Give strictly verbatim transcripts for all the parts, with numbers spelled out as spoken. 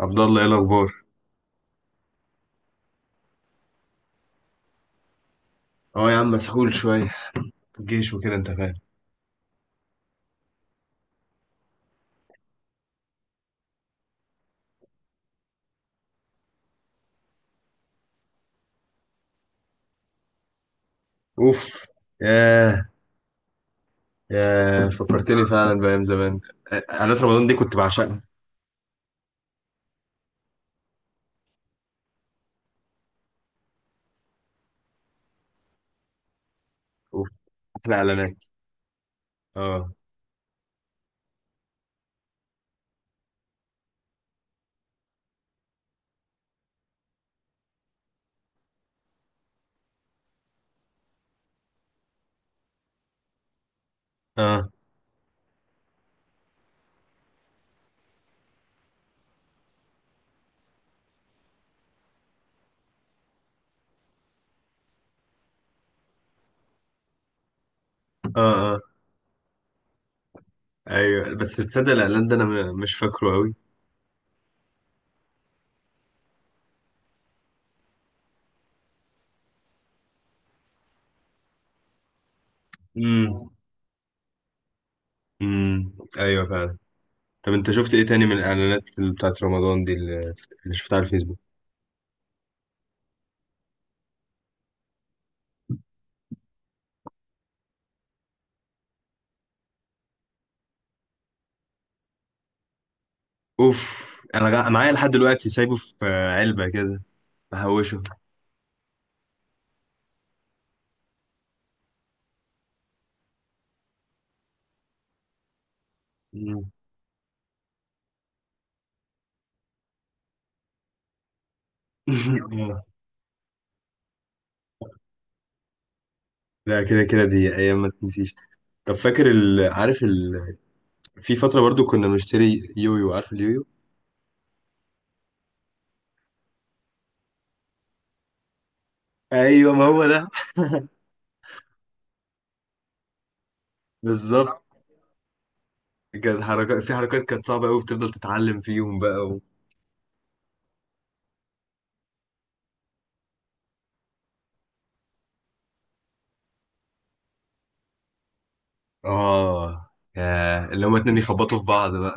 عبد الله، ايه الاخبار؟ اه يا عم، مسحول شويه في الجيش وكده، انت فاهم. اوف. ياه ياه، فكرتني فعلا بايام زمان. اعلانات رمضان دي كنت بعشقها. اوف، احلى اعلانات. اه. اه اه اه. ايوه، بس تصدق الاعلان ده انا م- مش فاكره قوي. امم امم ايوه فعلا. طب انت شفت ايه تاني من الاعلانات اللي بتاعت رمضان دي، اللي اللي شفتها على الفيسبوك؟ اوف. انا غ- معايا لحد دلوقتي سايبه في آه، علبه كده، بحوشه. مم. لا، كده كده دي ايام ما تنسيش. طب فاكر ال... عارف ال... في فتره برضو كنا بنشتري يويو، عارف اليويو؟ ايوه ما هو ده. بالظبط، كانت حركات في حركات كانت صعبه قوي، بتفضل تتعلم فيهم بقى و... اه، يا اللي هما اتنين يخبطوا في بعض بقى.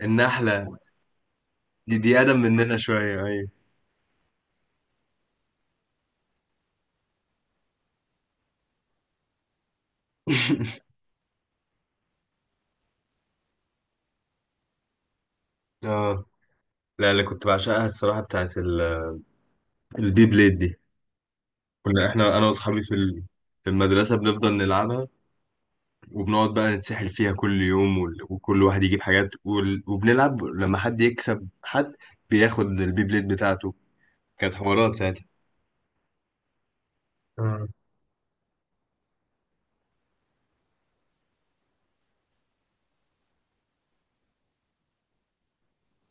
النحله دي دي ادم مننا شويه، ايوه. اه. لا، اللي كنت بعشقها الصراحه بتاعت ال... البي بليد دي. كنا احنا انا واصحابي في ال- في المدرسه بنفضل نلعبها، وبنقعد بقى نتسحل فيها كل يوم وال- وكل واحد يجيب حاجات وال- وبنلعب لما حد يكسب حد، بياخد البي بليد بتاعته. كانت حوارات ساعتها. آه.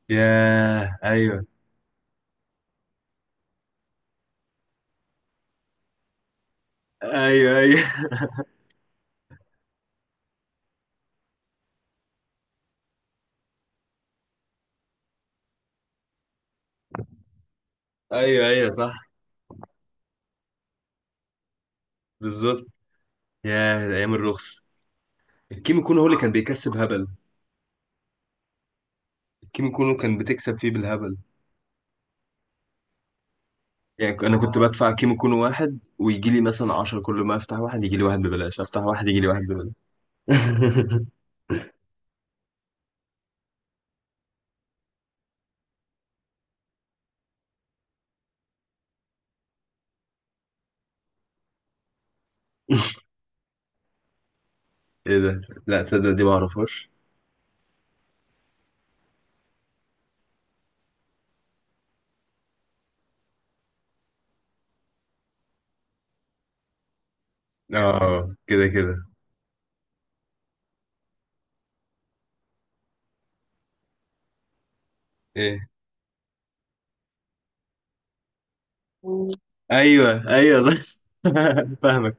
ياه. ايوه ايوه ايوه. ايوه ايوه، صح. بالظبط. ياه، ايام الرخص. الكيمو كونو هو اللي كان بيكسب هبل. الكيمو كونو كان بتكسب فيه بالهبل. يعني انا كنت آه. بدفع كيمو كونو واحد ويجي لي مثلا عشرة، كل ما افتح واحد يجي لي واحد ببلاش، افتح واحد يجي لي واحد ببلاش. ايه ده. لا تصدق دي ما اعرفهاش. اه كده كده. ايه ايوه ايوه بس، فاهمك.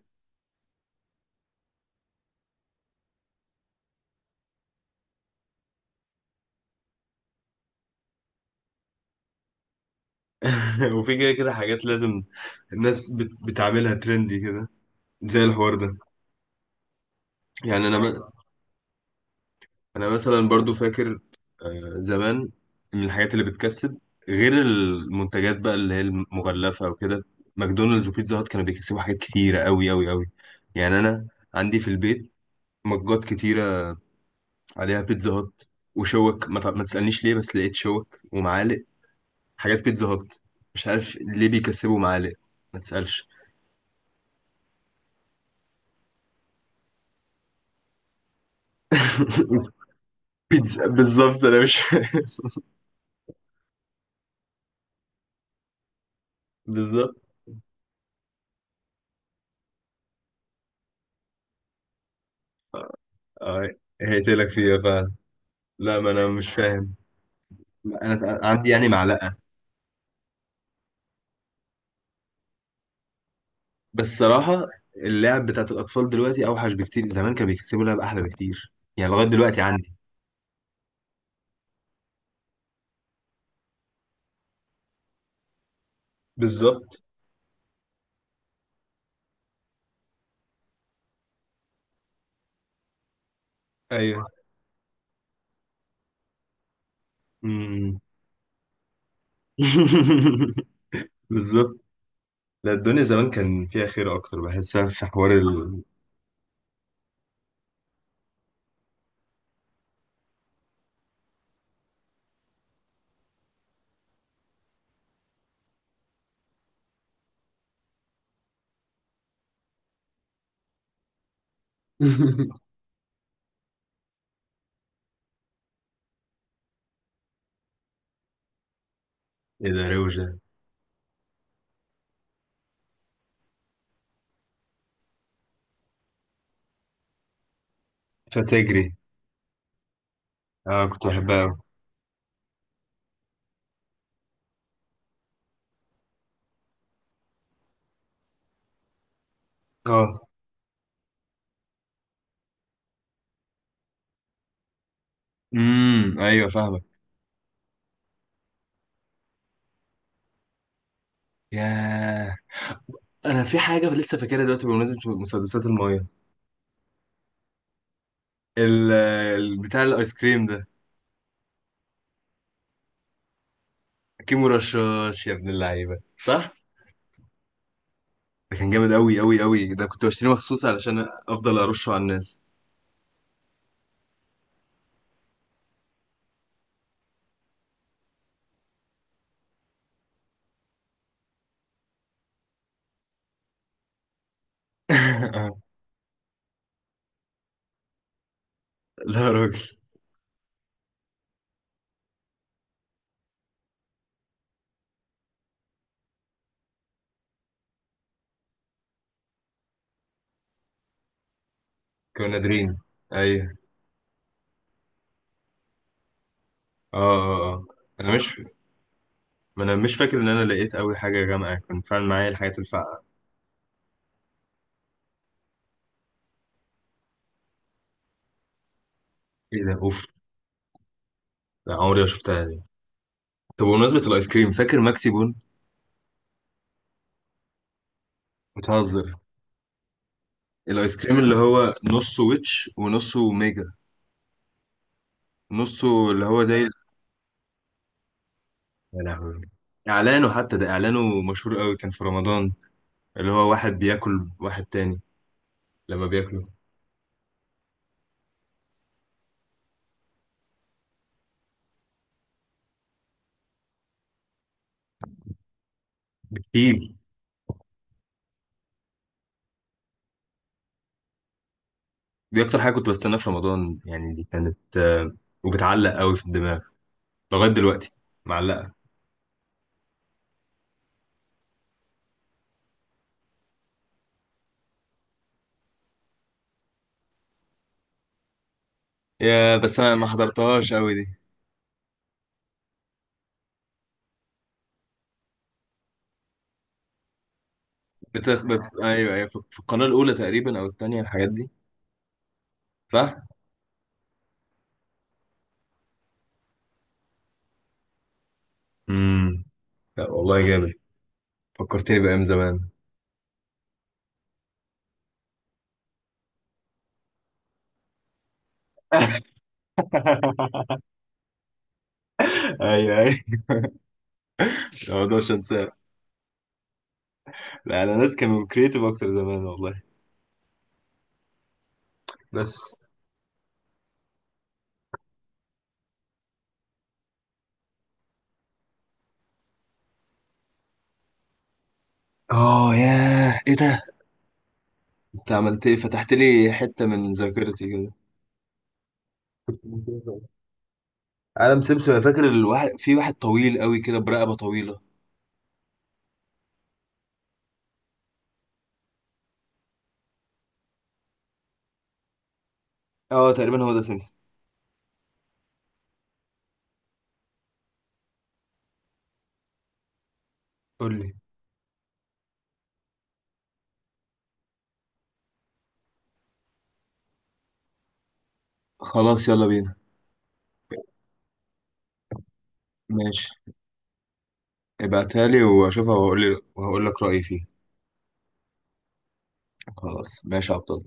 وفي كده كده حاجات لازم الناس بت... بتعملها ترندي كده، زي الحوار ده. يعني انا م... انا مثلا برضو فاكر آه، زمان، من الحاجات اللي بتكسب غير المنتجات بقى اللي هي المغلفة وكده، ماكدونالدز وبيتزا هات كانوا بيكسبوا حاجات كتيرة قوي قوي قوي. يعني انا عندي في البيت مجات كتيرة عليها بيتزا هات وشوك، ما, تع- ما تسألنيش ليه، بس لقيت شوك ومعالق، حاجات بيتزا هات. مش عارف ليه بيكسبوا معالق، ما تسألش. بيتزا، بالظبط انا مش فاهم. بالظبط. اه، هقتلك فيها فعلا. لا، ما انا مش فاهم. انا عندي يعني معلقه. بس صراحه، اللعب بتاعت الاطفال دلوقتي اوحش بكتير. زمان كانوا بيكسبوا لعب احلى بكتير، يعني لغايه دلوقتي عندي. بالظبط. ايوه. امم. بالظبط. لا، الدنيا زمان كان فيها خير اكتر، بحسها في حوار ال ايه ده، روشه. فتجري. اه كنت بحبها أوي. اه. امم ايوه، فاهمك. ياه، انا في حاجه لسه فاكرها دلوقتي بمناسبه مسدسات المايه، ال- ال- بتاع الايس كريم ده. كيمو رشاش يا ابن اللعيبه، صح. ده كان جامد قوي قوي قوي، ده كنت بشتريه مخصوص علشان افضل ارشه على الناس. آه. لا يا راجل. كنا نادرين، ايوه. اه اه اه. انا مش ما انا مش فاكر ان انا لقيت قوي حاجه جامعه، كان فعلا معايا الحاجات الفقع. ايه ده، اوف. لا عمري ما شفتها دي. طب بمناسبه الايس كريم، فاكر ماكسي بون؟ بتهزر. الايس كريم اللي هو نصه ويتش ونصه ميجا، نصه اللي هو زي. يا لهوي، اعلانه حتى، ده اعلانه مشهور قوي كان في رمضان، اللي هو واحد بياكل واحد تاني لما بياكله. بكتير. دي اكتر حاجه كنت بستناها في رمضان، يعني دي كانت آه، وبتعلق قوي في الدماغ لغايه دلوقتي، معلقه. يا، بس انا ما حضرتهاش قوي دي. بتخ... بت... ايوه ايوه، في في القناه الاولى تقريبا او الثانيه، الحاجات دي. صح. امم. لا والله، جامد، فكرتني بايام زمان. ايوه ايوه. 11 ساعة. الإعلانات كانوا كريتيف أكتر زمان والله. بس. آه، ياه، إيه ده؟ أنت عملت إيه؟ فتحت لي حتة من ذاكرتي كده. عالم سمسم، أنا فاكر الواحد في واحد طويل قوي كده برقبة طويلة. آه، تقريبا هو ده سمسم. قول لي. خلاص يلا بينا. ماشي، ابعتها لي وأشوفها وهقول لي وهقول لك رأيي فيها. خلاص ماشي يا عبد.